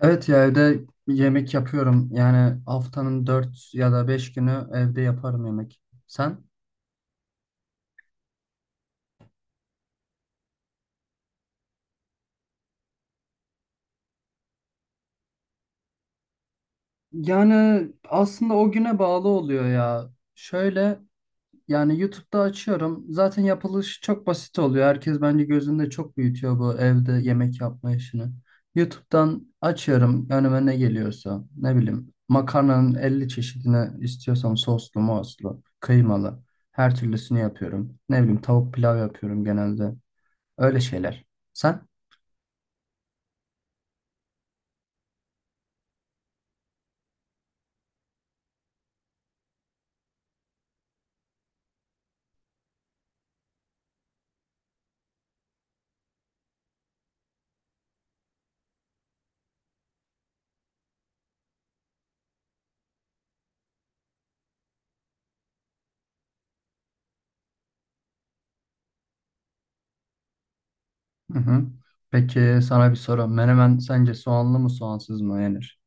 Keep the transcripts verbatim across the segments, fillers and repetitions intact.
Evet ya evde yemek yapıyorum. Yani haftanın dört ya da beş günü evde yaparım yemek. Sen? Yani aslında o güne bağlı oluyor ya. Şöyle yani YouTube'da açıyorum. Zaten yapılışı çok basit oluyor. Herkes bence gözünde çok büyütüyor bu evde yemek yapma işini. YouTube'dan açıyorum önüme ne geliyorsa. Ne bileyim makarnanın elli çeşidini istiyorsam soslu, moslu, kıymalı her türlüsünü yapıyorum. Ne bileyim tavuk pilav yapıyorum genelde. Öyle şeyler. Sen? Hı hı. Peki sana bir soru. Menemen sence soğanlı mı soğansız mı yenir?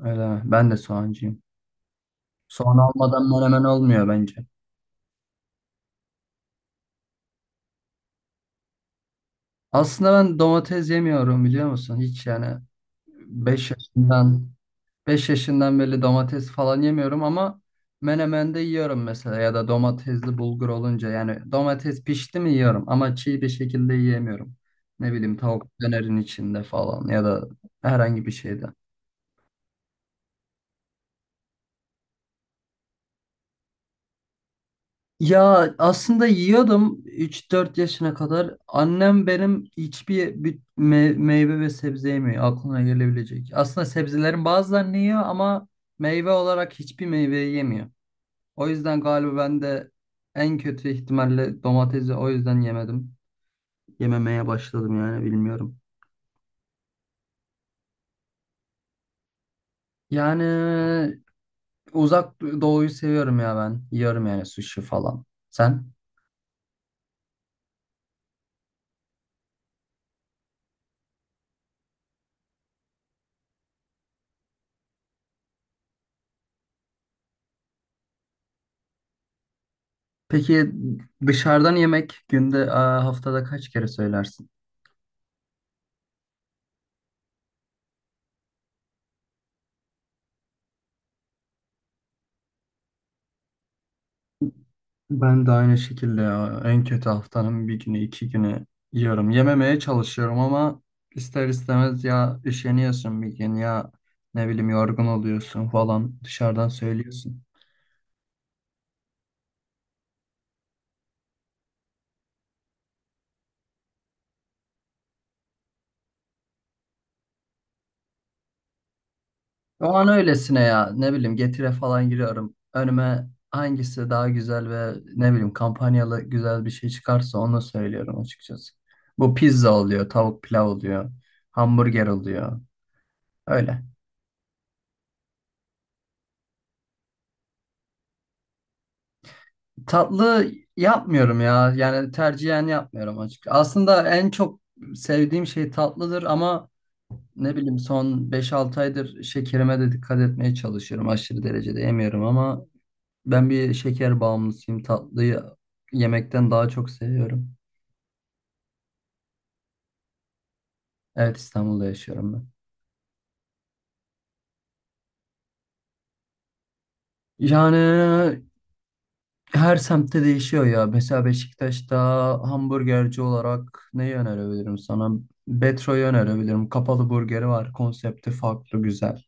Öyle mi? Ben de soğancıyım. Soğan almadan menemen olmuyor bence. Aslında ben domates yemiyorum biliyor musun? Hiç yani beş yaşından beş yaşından beri domates falan yemiyorum ama menemende yiyorum mesela ya da domatesli bulgur olunca yani domates pişti mi yiyorum ama çiğ bir şekilde yiyemiyorum. Ne bileyim tavuk dönerin içinde falan ya da herhangi bir şeyde. Ya aslında yiyordum üç dört yaşına kadar. Annem benim hiçbir bir me- meyve ve sebze yemiyor aklına gelebilecek. Aslında sebzelerin bazılarını yiyor ama meyve olarak hiçbir meyveyi yemiyor. O yüzden galiba ben de en kötü ihtimalle domatesi o yüzden yemedim. Yememeye başladım yani bilmiyorum. Yani uzak doğuyu seviyorum ya ben. Yiyorum yani sushi falan. Sen? Peki dışarıdan yemek günde, aa, haftada kaç kere söylersin? Ben de aynı şekilde ya. En kötü haftanın bir günü, iki günü yiyorum. Yememeye çalışıyorum ama ister istemez ya üşeniyorsun bir gün ya ne bileyim yorgun oluyorsun falan dışarıdan söylüyorsun. O an öylesine ya ne bileyim Getire falan giriyorum. Önüme hangisi daha güzel ve ne bileyim kampanyalı güzel bir şey çıkarsa onu söylüyorum açıkçası. Bu pizza oluyor, tavuk pilav oluyor, hamburger oluyor. Öyle. Tatlı yapmıyorum ya. Yani tercihen yapmıyorum açık. Aslında en çok sevdiğim şey tatlıdır ama ne bileyim son beş altı aydır şekerime de dikkat etmeye çalışıyorum. Aşırı derecede yemiyorum ama ben bir şeker bağımlısıyım. Tatlıyı yemekten daha çok seviyorum. Evet, İstanbul'da yaşıyorum ben. Yani her semtte değişiyor ya. Mesela Beşiktaş'ta hamburgerci olarak neyi önerebilirim sana? Betro'yu önerebilirim. Kapalı burgeri var. Konsepti farklı, güzel.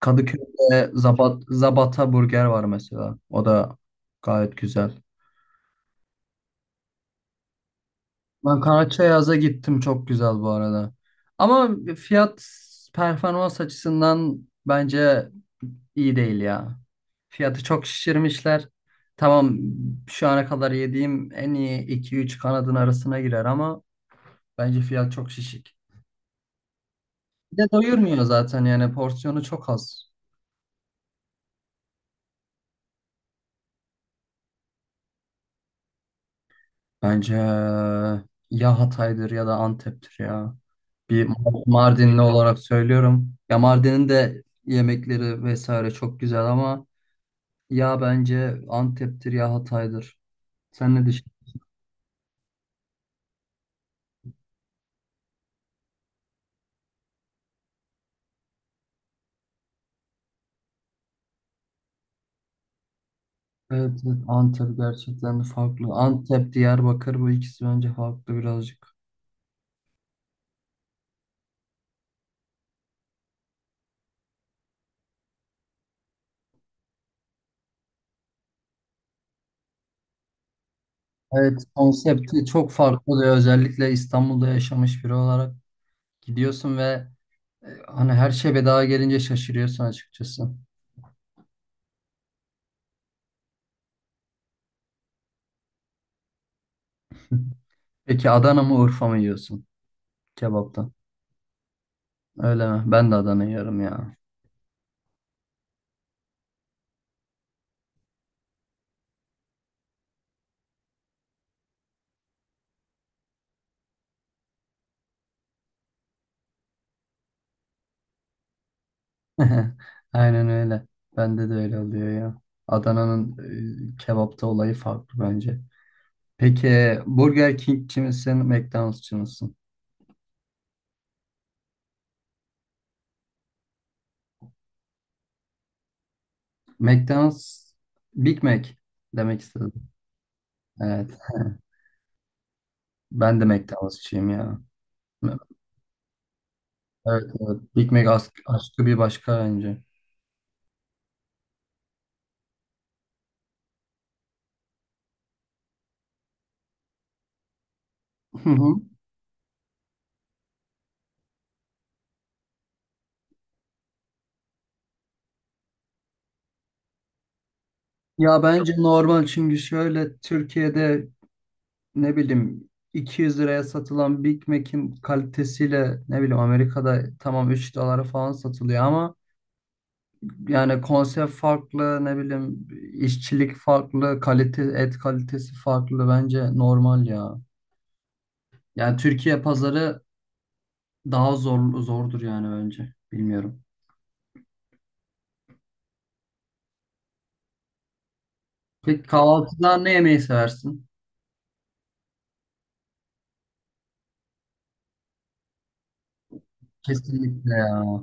Kadıköy'de Zabat, Zabata Burger var mesela. O da gayet güzel. Ben Karaçayaz'a gittim, çok güzel bu arada. Ama fiyat performans açısından bence iyi değil ya. Fiyatı çok şişirmişler. Tamam, şu ana kadar yediğim en iyi iki üç kanadın arasına girer ama bence fiyat çok şişik. Bir de doyurmuyor zaten yani porsiyonu çok az. Bence ya Hatay'dır ya da Antep'tir ya. Bir Mardinli olarak söylüyorum. Ya Mardin'in de yemekleri vesaire çok güzel ama ya bence Antep'tir ya Hatay'dır. Sen ne düşünüyorsun? Evet, evet, Antep gerçekten de farklı. Antep, Diyarbakır bu ikisi bence farklı birazcık. Evet, konsepti çok farklı oluyor. Özellikle İstanbul'da yaşamış biri olarak gidiyorsun ve e, hani her şey bedava gelince şaşırıyorsun açıkçası. Peki Adana mı Urfa mı yiyorsun kebapta? Öyle mi? Ben de Adana yiyorum ya. Aynen öyle. Bende de öyle oluyor ya. Adana'nın e, kebapta olayı farklı bence. Peki Burger King'ci misin, McDonald'sçı mısın? McDonald's, Big Mac demek istedim. Evet. Ben de McDonald'sçıyım ya. Evet, evet. Big Mac as- aşkı bir başka bence. Hı hı. Ya bence normal çünkü şöyle Türkiye'de ne bileyim iki yüz liraya satılan Big Mac'in kalitesiyle ne bileyim Amerika'da tamam üç dolara falan satılıyor ama yani konsept farklı, ne bileyim işçilik farklı, kalite, et kalitesi farklı, bence normal ya. Yani Türkiye pazarı daha zor zordur yani, bence bilmiyorum. Peki kahvaltıda ne yemeyi seversin? Kesinlikle ya.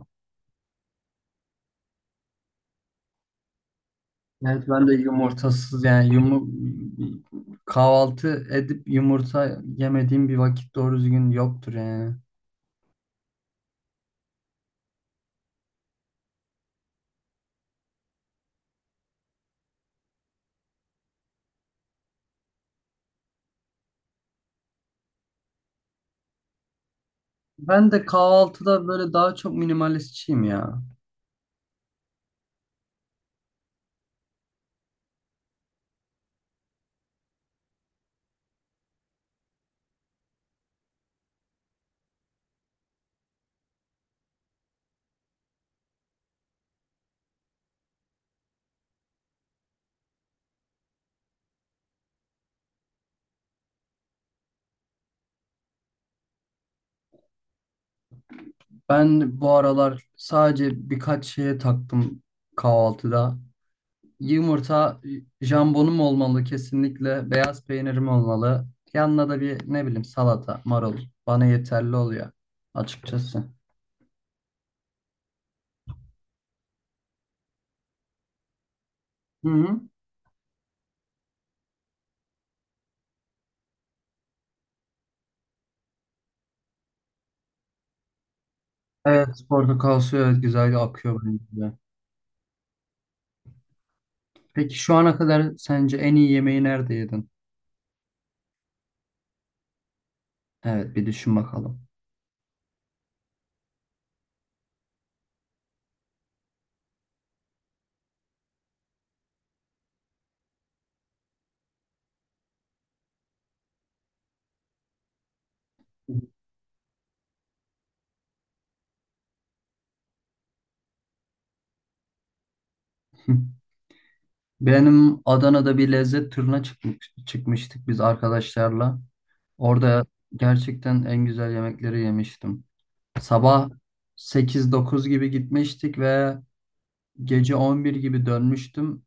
Evet ben de yumurtasız, yani yumu kahvaltı edip yumurta yemediğim bir vakit doğru düzgün yoktur yani. Ben de kahvaltıda böyle daha çok minimalistçiyim ya. Ben bu aralar sadece birkaç şeye taktım kahvaltıda. Yumurta, jambonum olmalı kesinlikle, beyaz peynirim olmalı. Yanına da bir ne bileyim salata, marul bana yeterli oluyor açıkçası. Hı hı. Evet, portakal suyu, evet, güzel akıyor bence. Peki şu ana kadar sence en iyi yemeği nerede yedin? Evet, bir düşün bakalım. Benim Adana'da bir lezzet turuna çıkmış, çıkmıştık biz arkadaşlarla. Orada gerçekten en güzel yemekleri yemiştim. Sabah sekiz dokuz gibi gitmiştik ve gece on bir gibi dönmüştüm.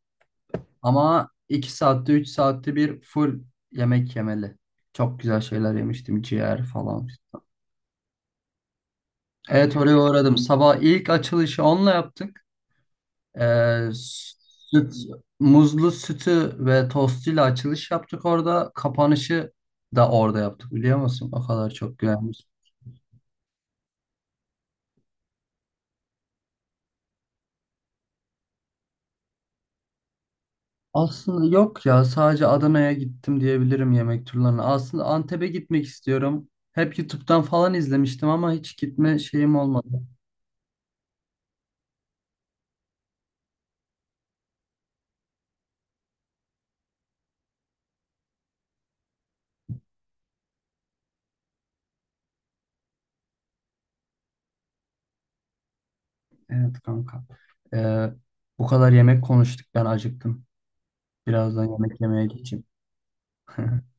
Ama iki saatte üç saatte bir full yemek yemeli. Çok güzel şeyler yemiştim, ciğer falan. Evet, oraya uğradım. Sabah ilk açılışı onunla yaptık. Ee, süt, muzlu sütü ve tostuyla açılış yaptık orada. Kapanışı da orada yaptık biliyor musun? O kadar çok güvenmiş. Aslında yok ya, sadece Adana'ya gittim diyebilirim yemek turlarına. Aslında Antep'e gitmek istiyorum. Hep YouTube'dan falan izlemiştim ama hiç gitme şeyim olmadı. Evet kanka. Ee, bu kadar yemek konuştuk, ben acıktım. Birazdan yemek yemeye geçeyim.